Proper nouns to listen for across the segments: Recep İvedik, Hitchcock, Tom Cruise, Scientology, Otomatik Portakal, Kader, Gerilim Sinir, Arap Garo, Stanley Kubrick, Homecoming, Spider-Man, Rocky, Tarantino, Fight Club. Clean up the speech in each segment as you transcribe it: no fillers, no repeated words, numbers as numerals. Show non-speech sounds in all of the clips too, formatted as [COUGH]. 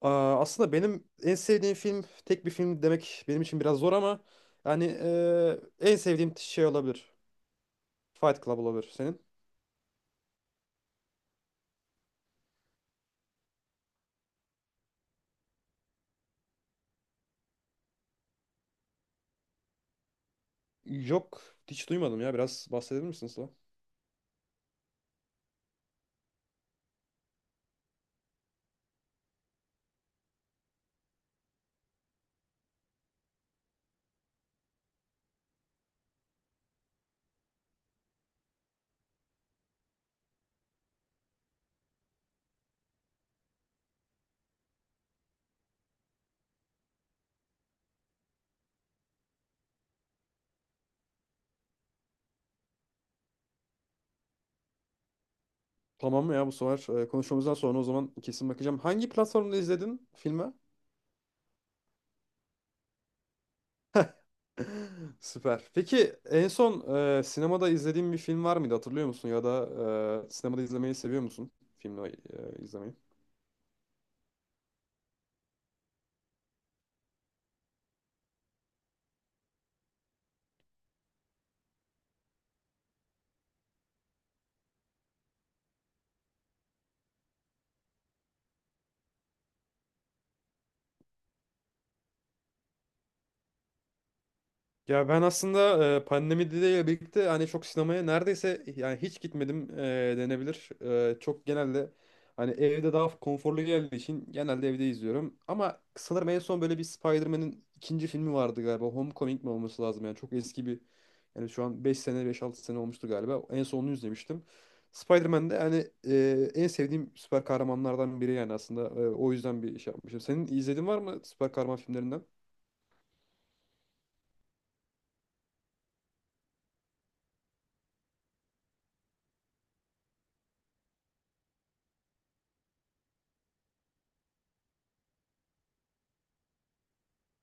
Aa, aslında benim en sevdiğim film tek bir film demek benim için biraz zor ama yani en sevdiğim şey olabilir. Fight Club olabilir senin. Yok hiç duymadım ya biraz bahsedebilir misin Sıla? Tamam mı ya bu sefer konuşmamızdan sonra o zaman kesin bakacağım. Hangi platformda izledin filmi? [LAUGHS] Süper. Peki en son sinemada izlediğin bir film var mıydı hatırlıyor musun? Ya da sinemada izlemeyi seviyor musun? Filmi izlemeyi. Ya ben aslında pandemiyle birlikte hani çok sinemaya neredeyse yani hiç gitmedim denebilir. Çok genelde hani evde daha konforlu geldiği için genelde evde izliyorum. Ama sanırım en son böyle bir Spider-Man'in ikinci filmi vardı galiba. Homecoming mi olması lazım yani çok eski bir yani şu an 5 sene beş altı sene olmuştu galiba. En son onu izlemiştim. Spider-Man de hani en sevdiğim süper kahramanlardan biri yani aslında. O yüzden bir şey yapmışım. Senin izlediğin var mı süper kahraman filmlerinden?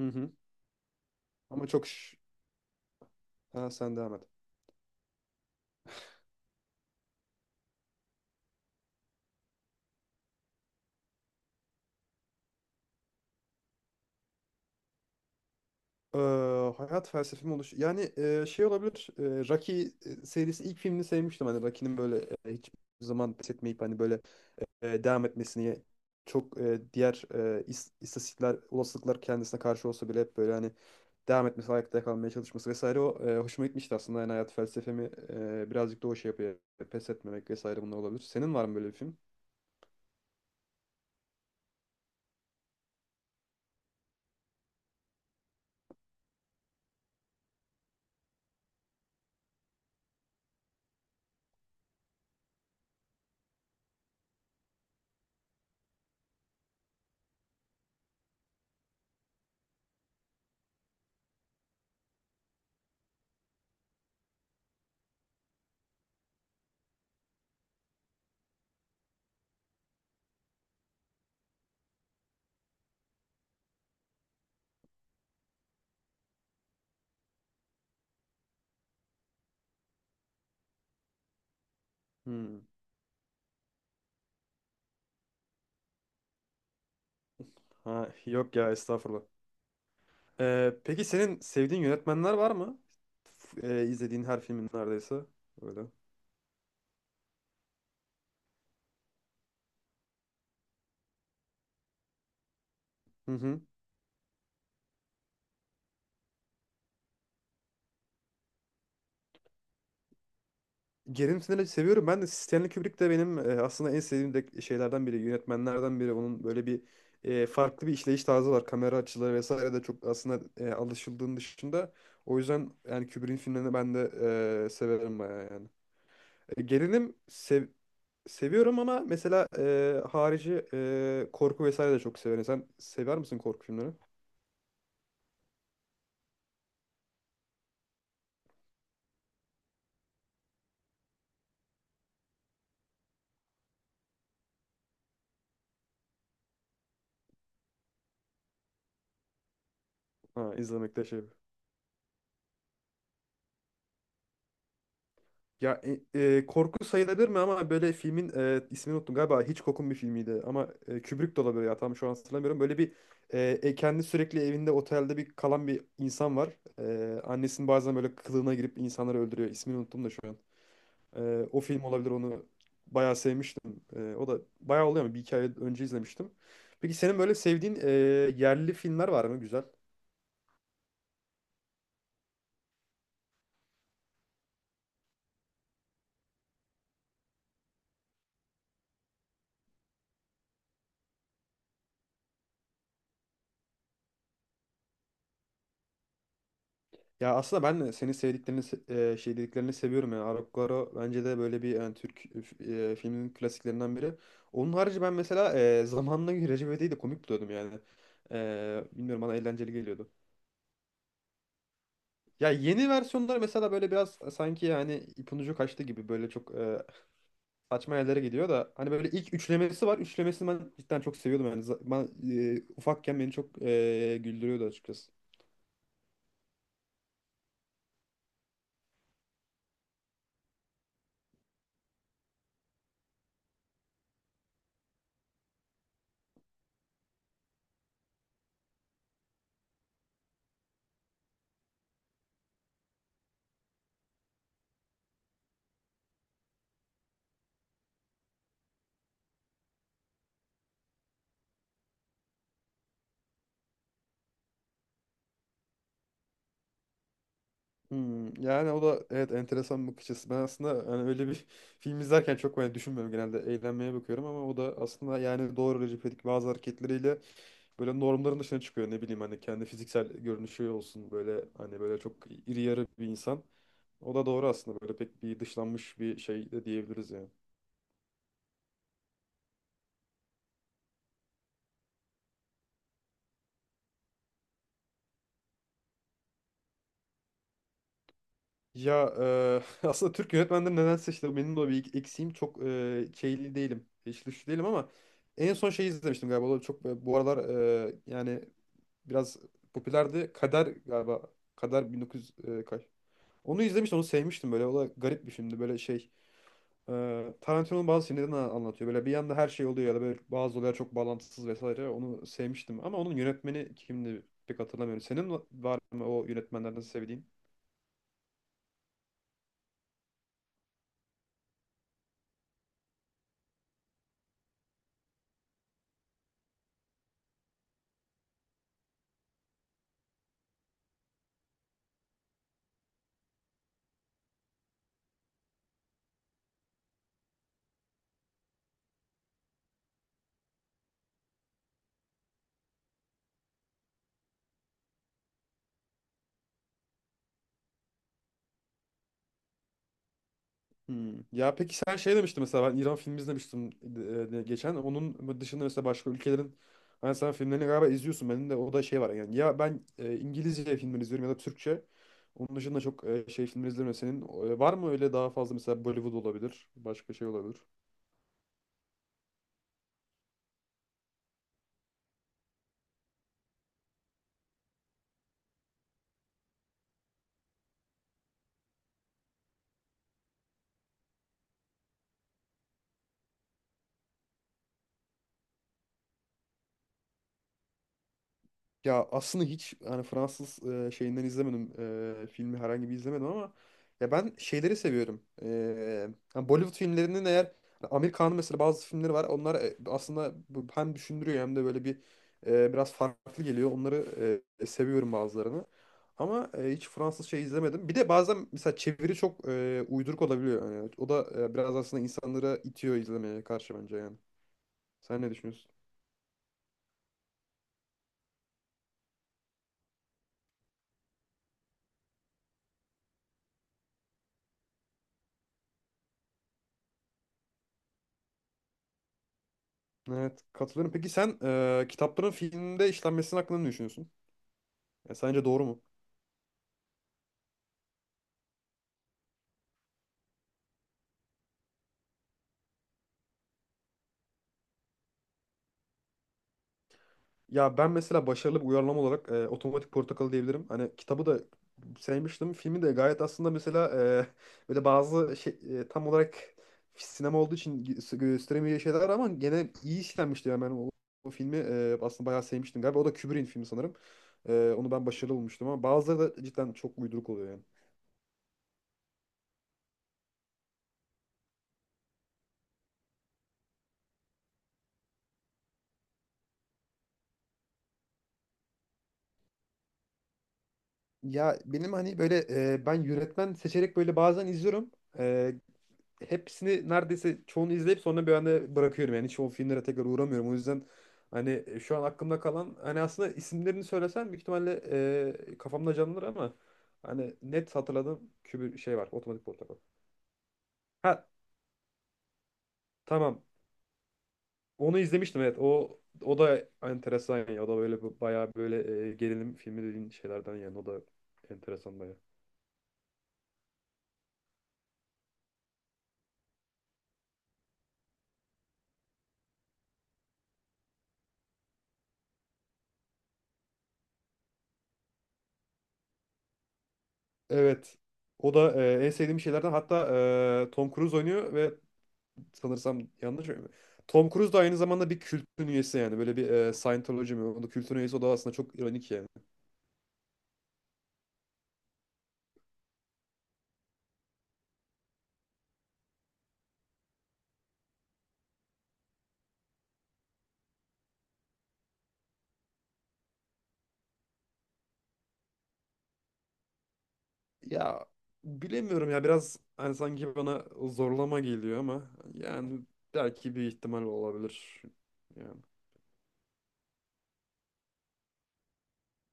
Hı hı. Ama çok... şş- Ha, sen devam et. Eee, hayat felsefem oluş. Yani şey olabilir. Rocky serisi ilk filmini sevmiştim. Hani Rocky'nin böyle hiçbir zaman pes etmeyip hani böyle devam etmesini çok diğer istatistikler, olasılıklar kendisine karşı olsa bile hep böyle hani devam etmesi, ayakta kalmaya çalışması vesaire o hoşuma gitmişti aslında. Yani hayat felsefemi birazcık da o şey yapıyor. Pes etmemek vesaire bunlar olabilir. Senin var mı böyle bir film? Hmm. Ha, yok ya estağfurullah. Peki senin sevdiğin yönetmenler var mı? İzlediğin her filmin neredeyse. Öyle. Hı hı. Gerilim Sinir'i seviyorum. Ben de Stanley Kubrick de benim aslında en sevdiğim de şeylerden biri, yönetmenlerden biri. Onun böyle bir farklı bir işleyiş tarzı var. Kamera açıları vesaire de çok aslında alışıldığın dışında. O yüzden yani Kubrick'in filmlerini ben de severim bayağı yani. Gerilim seviyorum ama mesela harici korku vesaire de çok severim. Sen sever misin korku filmleri? Ha, izlemekte şey. Ya korku sayılabilir mi ama böyle filmin ismini unuttum galiba Hitchcock'un bir filmiydi ama Kubrick de olabilir ya tam şu an hatırlamıyorum. Böyle bir kendi sürekli evinde otelde bir kalan bir insan var. Annesinin bazen böyle kılığına girip insanları öldürüyor. İsmini unuttum da şu an. O film olabilir onu bayağı sevmiştim. O da bayağı oluyor ama bir iki ay önce izlemiştim. Peki senin böyle sevdiğin yerli filmler var mı güzel? Ya aslında ben de senin sevdiklerini şey dediklerini seviyorum yani Arap Garo bence de böyle bir yani Türk filminin klasiklerinden biri. Onun harici ben mesela zamanına göre Recep İvedik'i de komik buluyordum yani. Bilmiyorum bana eğlenceli geliyordu. Ya yeni versiyonlar mesela böyle biraz sanki yani ipin ucu kaçtı gibi böyle çok saçma yerlere gidiyor da hani böyle ilk üçlemesi var. Üçlemesini ben cidden çok seviyordum yani. Ben ufakken beni çok güldürüyordu açıkçası. Hmm, yani o da evet enteresan bir bakış açısı. Ben aslında hani öyle bir [LAUGHS] film izlerken çok böyle düşünmüyorum genelde eğlenmeye bakıyorum ama o da aslında yani doğru Recep İvedik bazı hareketleriyle böyle normların dışına çıkıyor ne bileyim hani kendi fiziksel görünüşü olsun böyle hani böyle çok iri yarı bir insan. O da doğru aslında böyle pek bir dışlanmış bir şey de diyebiliriz yani. Ya [LAUGHS] aslında Türk yönetmenleri nedense işte benim de o bir eksiğim çok şeyli değilim. Hiç güçlü değilim ama en son şey izlemiştim galiba. O da çok bu aralar yani biraz popülerdi. Kader galiba. Kader 1900 kaç. Onu izlemiştim, onu sevmiştim böyle. O da garip bir filmdi. Böyle şey, Tarantino'nun bazı filmlerini anlatıyor. Böyle bir yanda her şey oluyor ya da böyle bazı olaylar çok bağlantısız vesaire. Onu sevmiştim ama onun yönetmeni kimdi pek hatırlamıyorum. Senin var mı o yönetmenlerden sevdiğin? Hmm. Ya peki sen şey demiştin mesela ben İran filmi izlemiştim geçen. Onun dışında mesela başka ülkelerin hani sen filmlerini galiba izliyorsun. Benim de o da şey var yani. Ya ben İngilizce filmleri izliyorum ya da Türkçe. Onun dışında çok şey filmleri izlemiyorum. Senin var mı öyle daha fazla mesela Bollywood olabilir. Başka şey olabilir. Ya aslında hiç hani Fransız şeyinden izlemedim. Filmi herhangi bir izlemedim ama ya ben şeyleri seviyorum. Yani Bollywood filmlerinin eğer Amerikan'ın mesela bazı filmleri var. Onlar aslında hem düşündürüyor hem de böyle bir biraz farklı geliyor. Onları seviyorum bazılarını. Ama hiç Fransız şey izlemedim. Bir de bazen mesela çeviri çok uyduruk olabiliyor. Yani o da biraz aslında insanları itiyor izlemeye karşı bence yani. Sen ne düşünüyorsun? Evet, katılıyorum. Peki sen kitapların filmde işlenmesinin hakkında ne düşünüyorsun? Sence doğru mu? Ya ben mesela başarılı bir uyarlama olarak Otomatik Portakal diyebilirim. Hani kitabı da sevmiştim. Filmi de gayet aslında mesela böyle bazı şey tam olarak sinema olduğu için gösteremeyeceği şeyler var ama gene iyi işlenmişti. Yani ben o filmi aslında bayağı sevmiştim galiba. O da Kubrick'in filmi sanırım. Onu ben başarılı bulmuştum ama bazıları da cidden çok uyduruk oluyor yani. Ya benim hani böyle ben yönetmen seçerek böyle bazen izliyorum. E, Hepsini neredeyse çoğunu izleyip sonra bir anda bırakıyorum. Yani hiç o filmlere tekrar uğramıyorum. O yüzden hani şu an aklımda kalan hani aslında isimlerini söylesem büyük ihtimalle kafamda canlanır ama hani net hatırladığım kübür şey var. Otomatik Portakal. Ha tamam. Onu izlemiştim evet. O da enteresan ya. O da böyle bayağı böyle gerilim filmi dediğin şeylerden yani. O da enteresan. Evet. O da en sevdiğim şeylerden. Hatta Tom Cruise oynuyor ve sanırsam yanlış mı? Tom Cruise da aynı zamanda bir kültün üyesi yani. Böyle bir Scientology mi? O da kültün üyesi. O da aslında çok ironik yani. Ya bilemiyorum ya. Biraz hani sanki bana zorlama geliyor ama yani belki bir ihtimal olabilir. Yani.